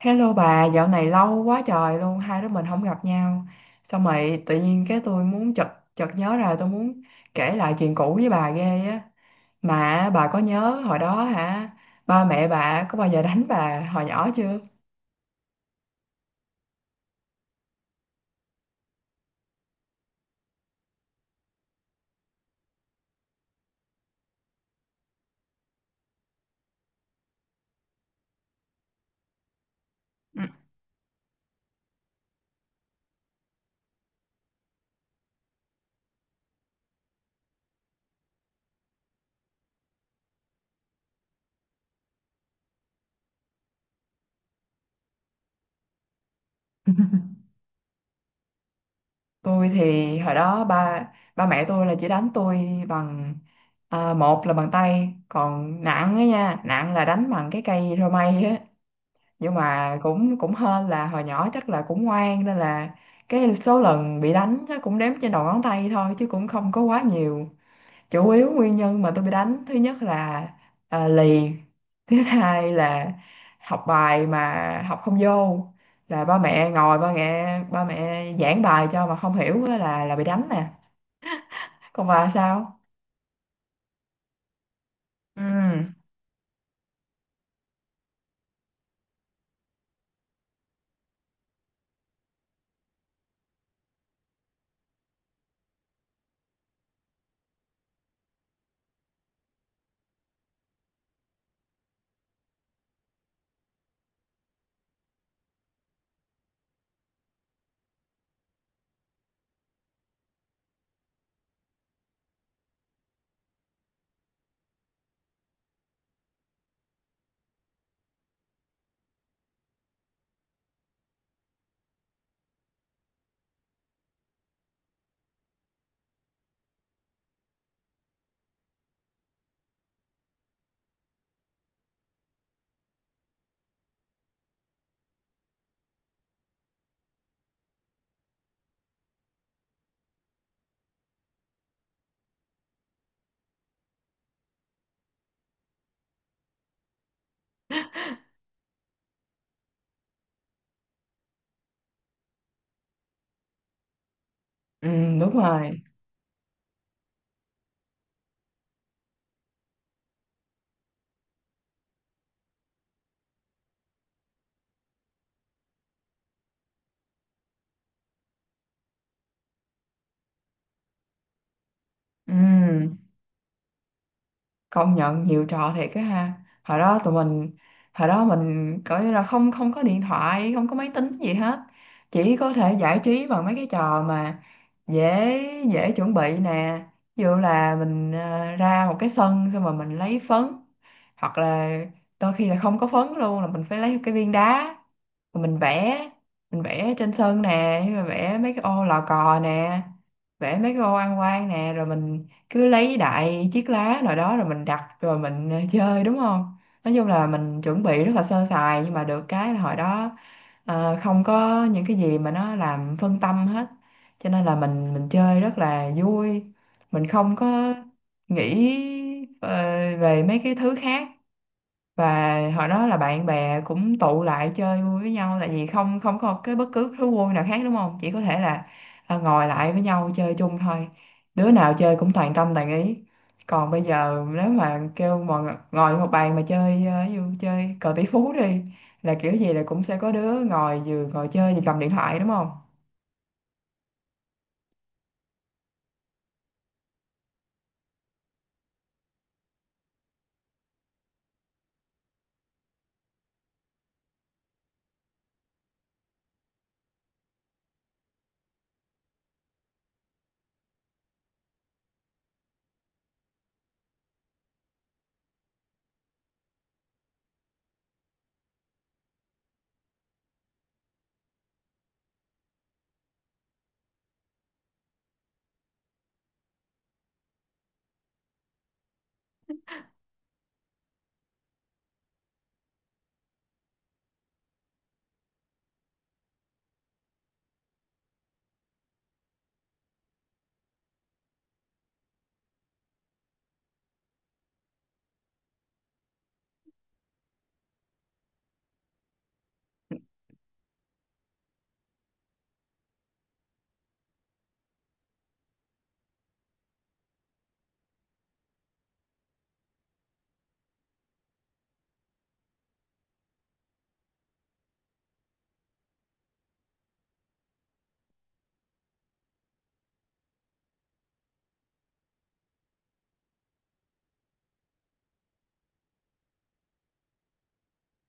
Hello bà, dạo này lâu quá trời luôn, hai đứa mình không gặp nhau. Xong rồi tự nhiên cái tôi muốn chợt chợt nhớ ra tôi muốn kể lại chuyện cũ với bà ghê á. Mà bà có nhớ hồi đó hả? Ba mẹ bà có bao giờ đánh bà hồi nhỏ chưa? Ừ. Tôi thì hồi đó ba ba mẹ tôi là chỉ đánh tôi bằng một là bằng tay, còn nặng á nha, nặng là đánh bằng cái cây roi mây á. Nhưng mà cũng cũng hên là hồi nhỏ chắc là cũng ngoan nên là cái số lần bị đánh chắc cũng đếm trên đầu ngón tay thôi chứ cũng không có quá nhiều. Chủ yếu nguyên nhân mà tôi bị đánh thứ nhất là lì, thứ hai là học bài mà học không vô, là ba mẹ ngồi ba mẹ giảng bài cho mà không hiểu á là bị đánh nè. Còn bà sao? Ừ. Ừ, đúng rồi. Ừ, công nhận nhiều trò thiệt á ha. Hồi đó tụi mình, hồi đó mình coi như là không không có điện thoại, không có máy tính gì hết, chỉ có thể giải trí bằng mấy cái trò mà dễ dễ chuẩn bị nè. Ví dụ là mình ra một cái sân xong rồi mình lấy phấn, hoặc là đôi khi là không có phấn luôn là mình phải lấy cái viên đá rồi mình vẽ, mình vẽ trên sân nè, rồi vẽ mấy cái ô lò cò nè, vẽ mấy cái ô ăn quan nè, rồi mình cứ lấy đại chiếc lá nào đó rồi mình đặt rồi mình chơi đúng không. Nói chung là mình chuẩn bị rất là sơ sài nhưng mà được cái là hồi đó không có những cái gì mà nó làm phân tâm hết, cho nên là mình chơi rất là vui. Mình không có nghĩ ờ, về mấy cái thứ khác. Và hồi đó là bạn bè cũng tụ lại chơi vui với nhau tại vì không không có cái bất cứ thú vui nào khác đúng không, chỉ có thể là ngồi lại với nhau chơi chung thôi. Đứa nào chơi cũng toàn tâm toàn ý. Còn bây giờ nếu mà kêu ngồi một bàn mà chơi ví dụ chơi cờ tỷ phú đi, là kiểu gì là cũng sẽ có đứa ngồi vừa ngồi chơi vừa cầm điện thoại đúng không.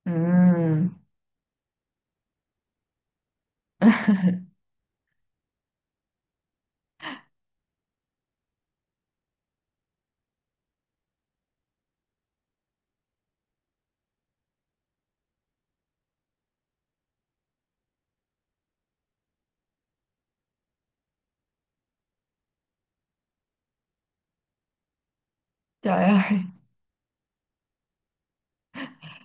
Ừm. Trời ơi.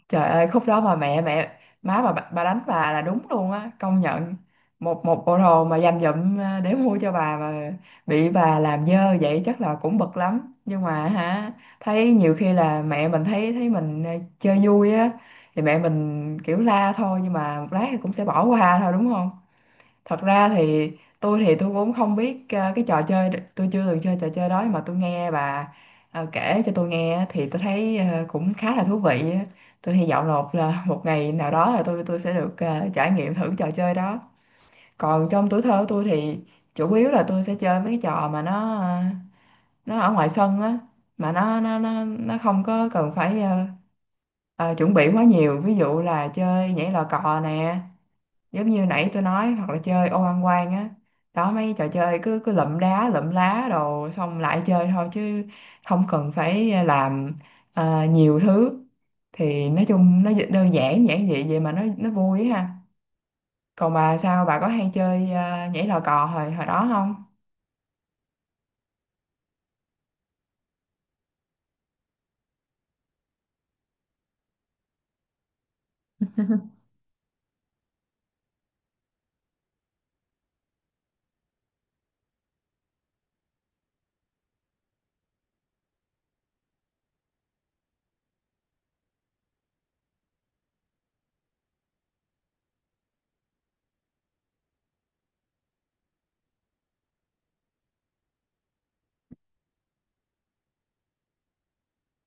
Trời ơi, khúc đó mà mẹ mẹ má bà đánh bà là đúng luôn á, công nhận. Một một bộ đồ mà dành dụm để mua cho bà mà bị bà làm dơ vậy chắc là cũng bực lắm, nhưng mà hả, thấy nhiều khi là mẹ mình thấy thấy mình chơi vui á thì mẹ mình kiểu la thôi, nhưng mà một lát thì cũng sẽ bỏ qua thôi đúng không. Thật ra thì tôi cũng không biết cái trò chơi, tôi chưa từng chơi trò chơi đó, nhưng mà tôi nghe bà kể cho tôi nghe á, thì tôi thấy cũng khá là thú vị á. Tôi hy vọng là một ngày nào đó là tôi sẽ được trải nghiệm thử trò chơi đó. Còn trong tuổi thơ của tôi thì chủ yếu là tôi sẽ chơi mấy cái trò mà nó nó ở ngoài sân á, mà nó không có cần phải chuẩn bị quá nhiều, ví dụ là chơi nhảy lò cò nè, giống như nãy tôi nói, hoặc là chơi ô ăn quan á. Đó, mấy trò chơi cứ cứ lụm đá lụm lá đồ xong lại chơi thôi chứ không cần phải làm nhiều thứ. Thì nói chung nó đơn giản giản dị vậy mà nó vui á ha. Còn bà sao, bà có hay chơi nhảy lò cò hồi hồi đó không?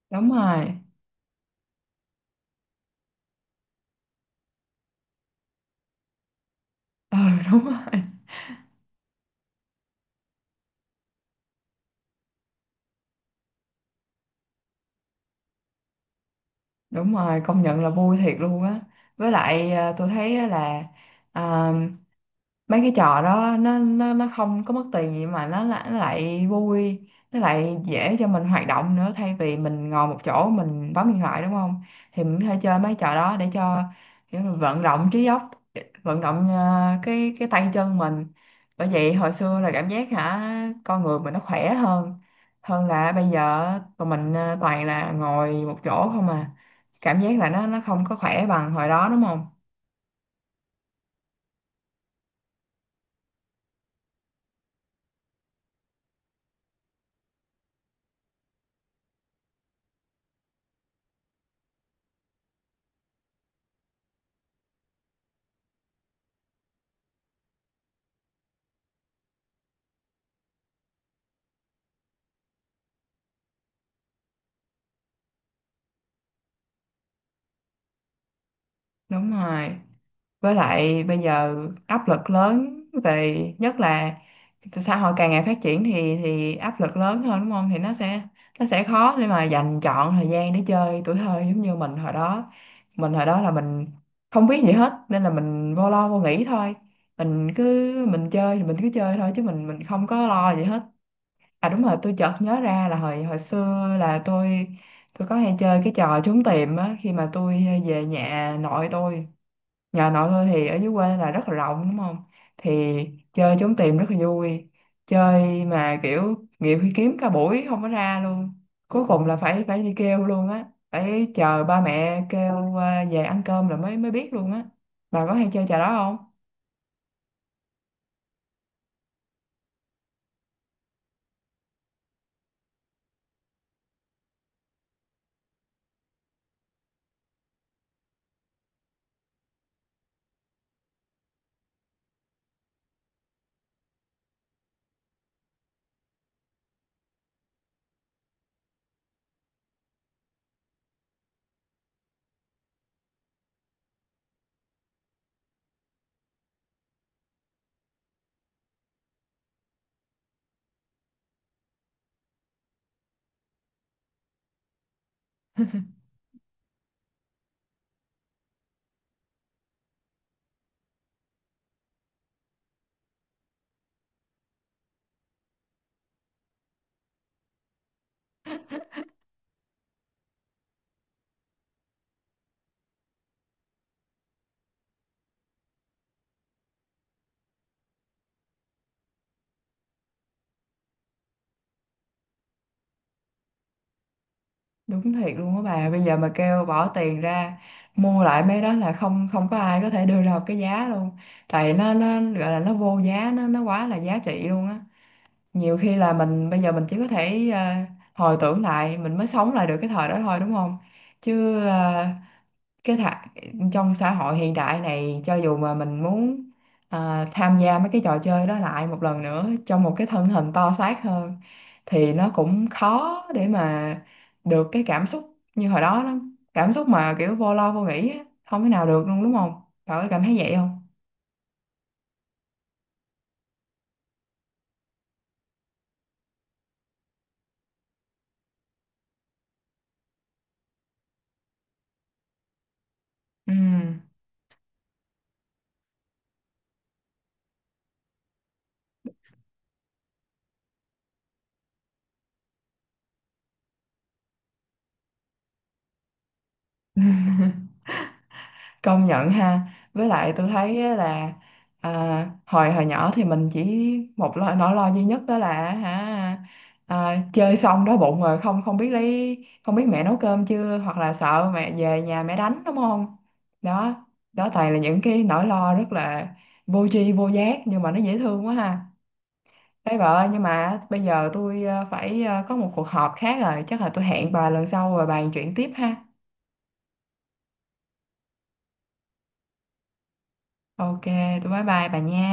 Đúng rồi. Ừ, đúng rồi. Đúng rồi, công nhận là vui thiệt luôn á. Với lại tôi thấy á là mấy cái trò đó nó không có mất tiền gì mà nó lại vui, nó lại dễ cho mình hoạt động nữa, thay vì mình ngồi một chỗ mình bấm điện thoại đúng không, thì mình có thể chơi mấy trò đó để cho kiểu mình vận động trí óc, vận động cái tay chân mình. Bởi vậy hồi xưa là cảm giác hả, con người mình nó khỏe hơn, hơn là bây giờ tụi mình toàn là ngồi một chỗ không à, cảm giác là nó không có khỏe bằng hồi đó đúng không. Đúng rồi, với lại bây giờ áp lực lớn về nhất là xã hội càng ngày phát triển thì áp lực lớn hơn đúng không, thì nó sẽ khó để mà dành trọn thời gian để chơi tuổi thơ giống như mình hồi đó. Mình hồi đó là mình không biết gì hết nên là mình vô lo vô nghĩ thôi, mình cứ mình chơi thì mình cứ chơi thôi chứ mình không có lo gì hết. À đúng rồi, tôi chợt nhớ ra là hồi hồi xưa là tôi có hay chơi cái trò trốn tìm á khi mà tôi về nhà nội tôi. Nhà nội thôi thì ở dưới quê là rất là rộng đúng không? Thì chơi trốn tìm rất là vui. Chơi mà kiểu nhiều khi kiếm cả buổi không có ra luôn. Cuối cùng là phải phải đi kêu luôn á. Phải chờ ba mẹ kêu về ăn cơm là mới mới biết luôn á. Bà có hay chơi trò đó không? Đúng thiệt luôn á bà. Bây giờ mà kêu bỏ tiền ra mua lại mấy đó là không không có ai có thể đưa ra một cái giá luôn. Tại nó gọi là nó vô giá, nó quá là giá trị luôn á. Nhiều khi là mình bây giờ mình chỉ có thể hồi tưởng lại mình mới sống lại được cái thời đó thôi đúng không, chứ cái thà, trong xã hội hiện đại này cho dù mà mình muốn tham gia mấy cái trò chơi đó lại một lần nữa trong một cái thân hình to xác hơn thì nó cũng khó để mà được cái cảm xúc như hồi đó lắm. Cảm xúc mà kiểu vô lo vô nghĩ á, không thể nào được luôn đúng không, cậu có cảm thấy vậy không? Ừ, công nhận ha. Với lại tôi thấy á là hồi hồi nhỏ thì mình chỉ một lo, nỗi lo duy nhất đó là hả, chơi xong đói bụng rồi không, không biết lấy, không biết mẹ nấu cơm chưa, hoặc là sợ mẹ về nhà mẹ đánh đúng không. Đó, đó toàn là những cái nỗi lo rất là vô tri vô giác nhưng mà nó dễ thương quá ha. Ê bà ơi, nhưng mà bây giờ tôi phải có một cuộc họp khác rồi, chắc là tôi hẹn bà lần sau rồi bàn chuyện tiếp ha. Ok, tôi bye bye bà nha.